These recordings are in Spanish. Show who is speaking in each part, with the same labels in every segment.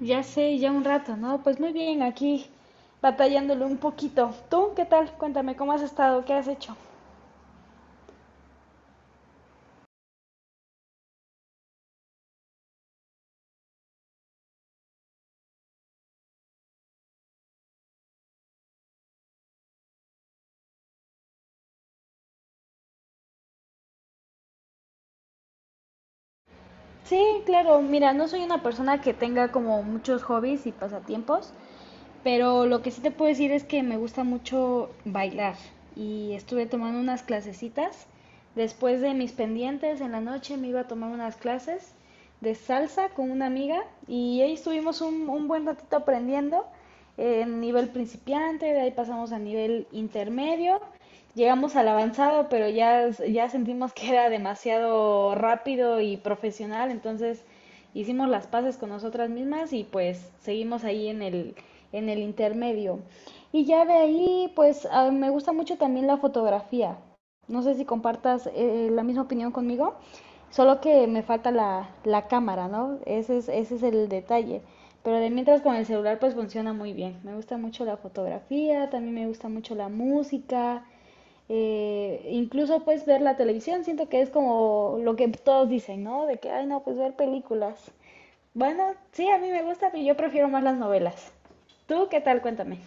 Speaker 1: Ya sé, ya un rato, ¿no? Pues muy bien, aquí batallándolo un poquito. ¿Tú qué tal? Cuéntame, ¿cómo has estado? ¿Qué has hecho? Sí, claro, mira, no soy una persona que tenga como muchos hobbies y pasatiempos, pero lo que sí te puedo decir es que me gusta mucho bailar y estuve tomando unas clasecitas. Después de mis pendientes en la noche me iba a tomar unas clases de salsa con una amiga y ahí estuvimos un buen ratito aprendiendo en nivel principiante. De ahí pasamos a nivel intermedio. Llegamos al avanzado, pero ya, ya sentimos que era demasiado rápido y profesional, entonces hicimos las paces con nosotras mismas y pues seguimos ahí en el intermedio. Y ya de ahí, me gusta mucho también la fotografía. No sé si compartas la misma opinión conmigo, solo que me falta la cámara, ¿no? Ese es el detalle. Pero de mientras con el celular pues funciona muy bien. Me gusta mucho la fotografía, también me gusta mucho la música, incluso pues ver la televisión. Siento que es como lo que todos dicen, ¿no? De que, ay no, pues ver películas. Bueno, sí, a mí me gusta, pero yo prefiero más las novelas. ¿Tú qué tal? Cuéntame.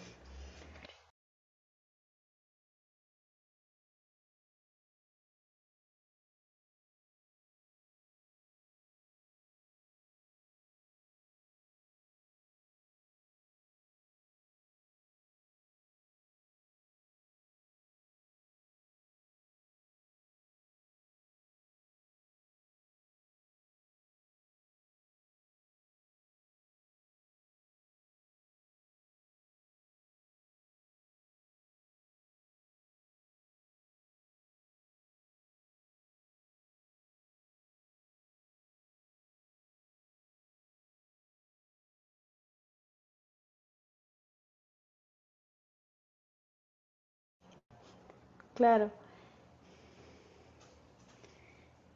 Speaker 1: Claro.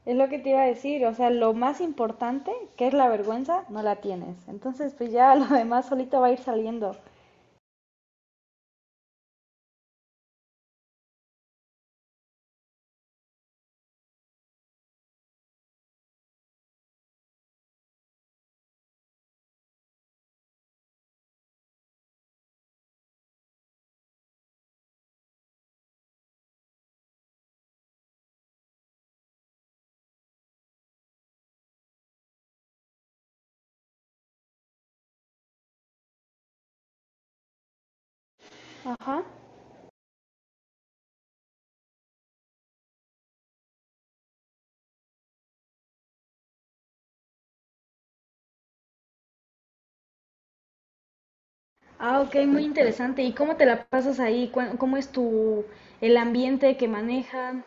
Speaker 1: Es lo que te iba a decir, o sea, lo más importante, que es la vergüenza, no la tienes. Entonces, pues ya lo demás solito va a ir saliendo. Ajá. Ah, ok, muy interesante. ¿Y cómo te la pasas ahí? ¿Cómo es tu, el ambiente que manejan?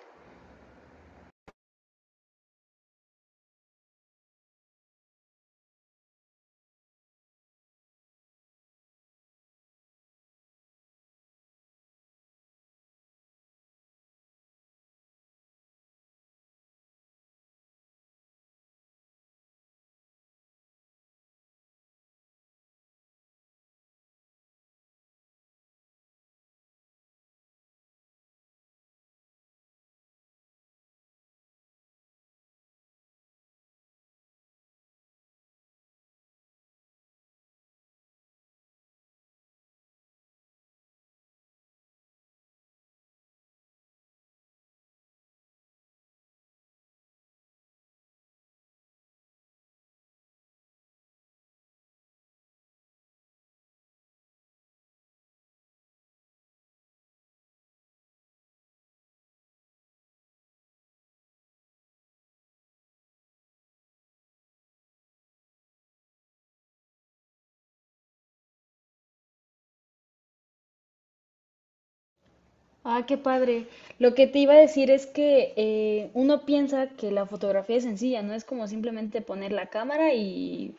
Speaker 1: Ah, qué padre. Lo que te iba a decir es que uno piensa que la fotografía es sencilla, no es como simplemente poner la cámara y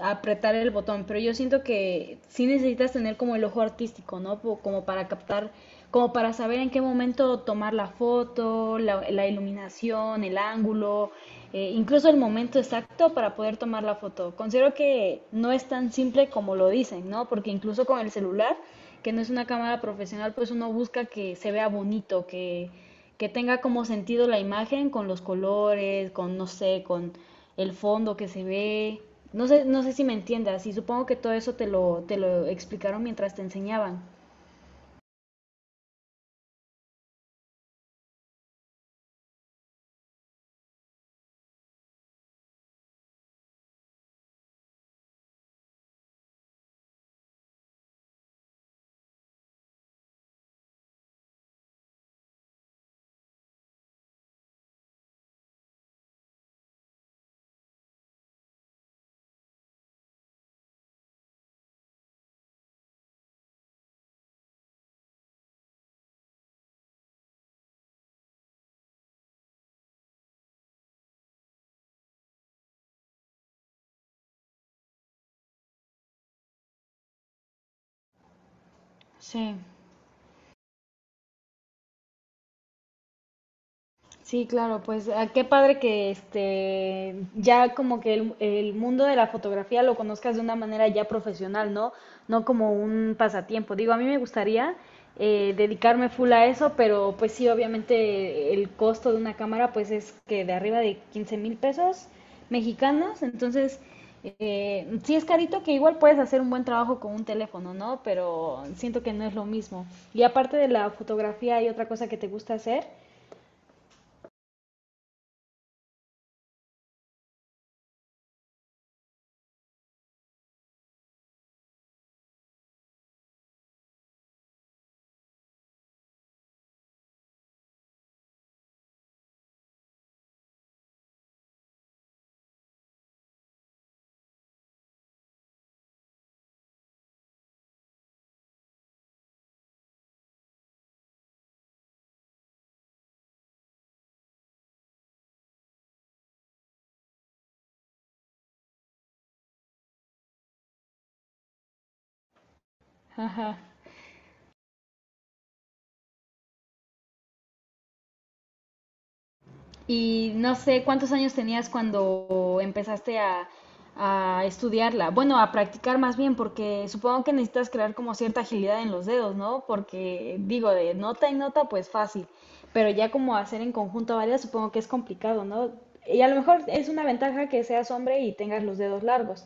Speaker 1: apretar el botón, pero yo siento que sí necesitas tener como el ojo artístico, ¿no? Como para captar, como para saber en qué momento tomar la foto, la iluminación, el ángulo, incluso el momento exacto para poder tomar la foto. Considero que no es tan simple como lo dicen, ¿no? Porque incluso con el celular, que no es una cámara profesional, pues uno busca que se vea bonito, que tenga como sentido la imagen con los colores, con, no sé, con el fondo que se ve. No sé, no sé si me entiendas, y supongo que todo eso te lo explicaron mientras te enseñaban. Sí. Sí, claro, pues ah, qué padre que este ya como que el mundo de la fotografía lo conozcas de una manera ya profesional, ¿no? No como un pasatiempo. Digo, a mí me gustaría dedicarme full a eso, pero pues sí, obviamente el costo de una cámara pues es que de arriba de 15 mil pesos mexicanos. Entonces sí es carito, que igual puedes hacer un buen trabajo con un teléfono, ¿no? Pero siento que no es lo mismo. Y aparte de la fotografía, ¿hay otra cosa que te gusta hacer? Ajá. Y no sé cuántos años tenías cuando empezaste a estudiarla. Bueno, a practicar más bien, porque supongo que necesitas crear como cierta agilidad en los dedos, ¿no? Porque digo, de nota en nota, pues fácil. Pero ya como hacer en conjunto varias, supongo que es complicado, ¿no? Y a lo mejor es una ventaja que seas hombre y tengas los dedos largos.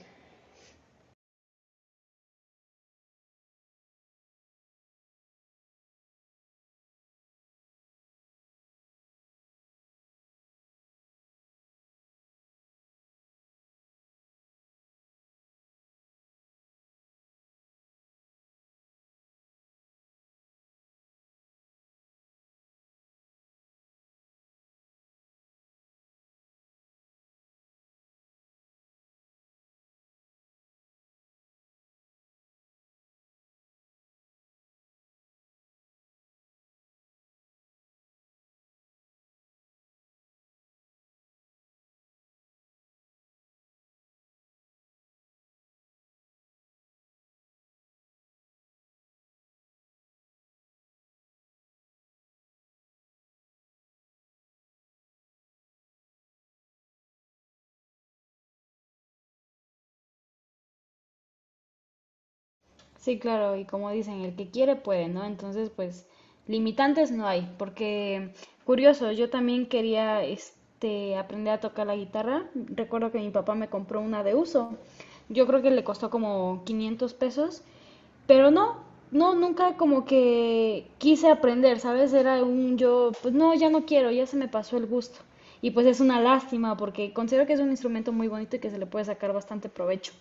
Speaker 1: Sí, claro, y como dicen, el que quiere puede, ¿no? Entonces, pues limitantes no hay, porque curioso, yo también quería este aprender a tocar la guitarra. Recuerdo que mi papá me compró una de uso. Yo creo que le costó como $500, pero no, no, nunca como que quise aprender, ¿sabes? Era un yo, pues no, ya no quiero, ya se me pasó el gusto. Y pues es una lástima porque considero que es un instrumento muy bonito y que se le puede sacar bastante provecho.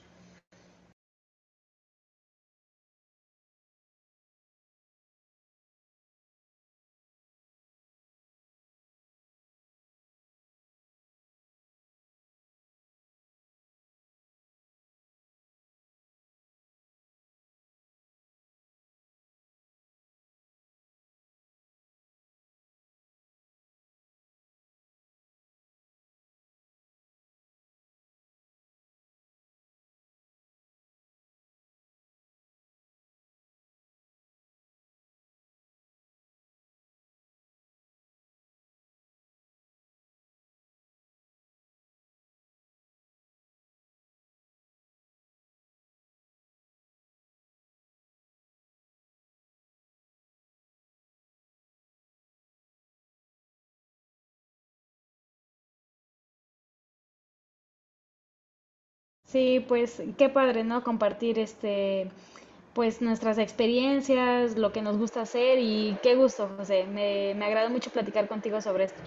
Speaker 1: Sí, pues qué padre, ¿no? Compartir este, pues nuestras experiencias, lo que nos gusta hacer. Y qué gusto, José. Me agradó mucho platicar contigo sobre esto.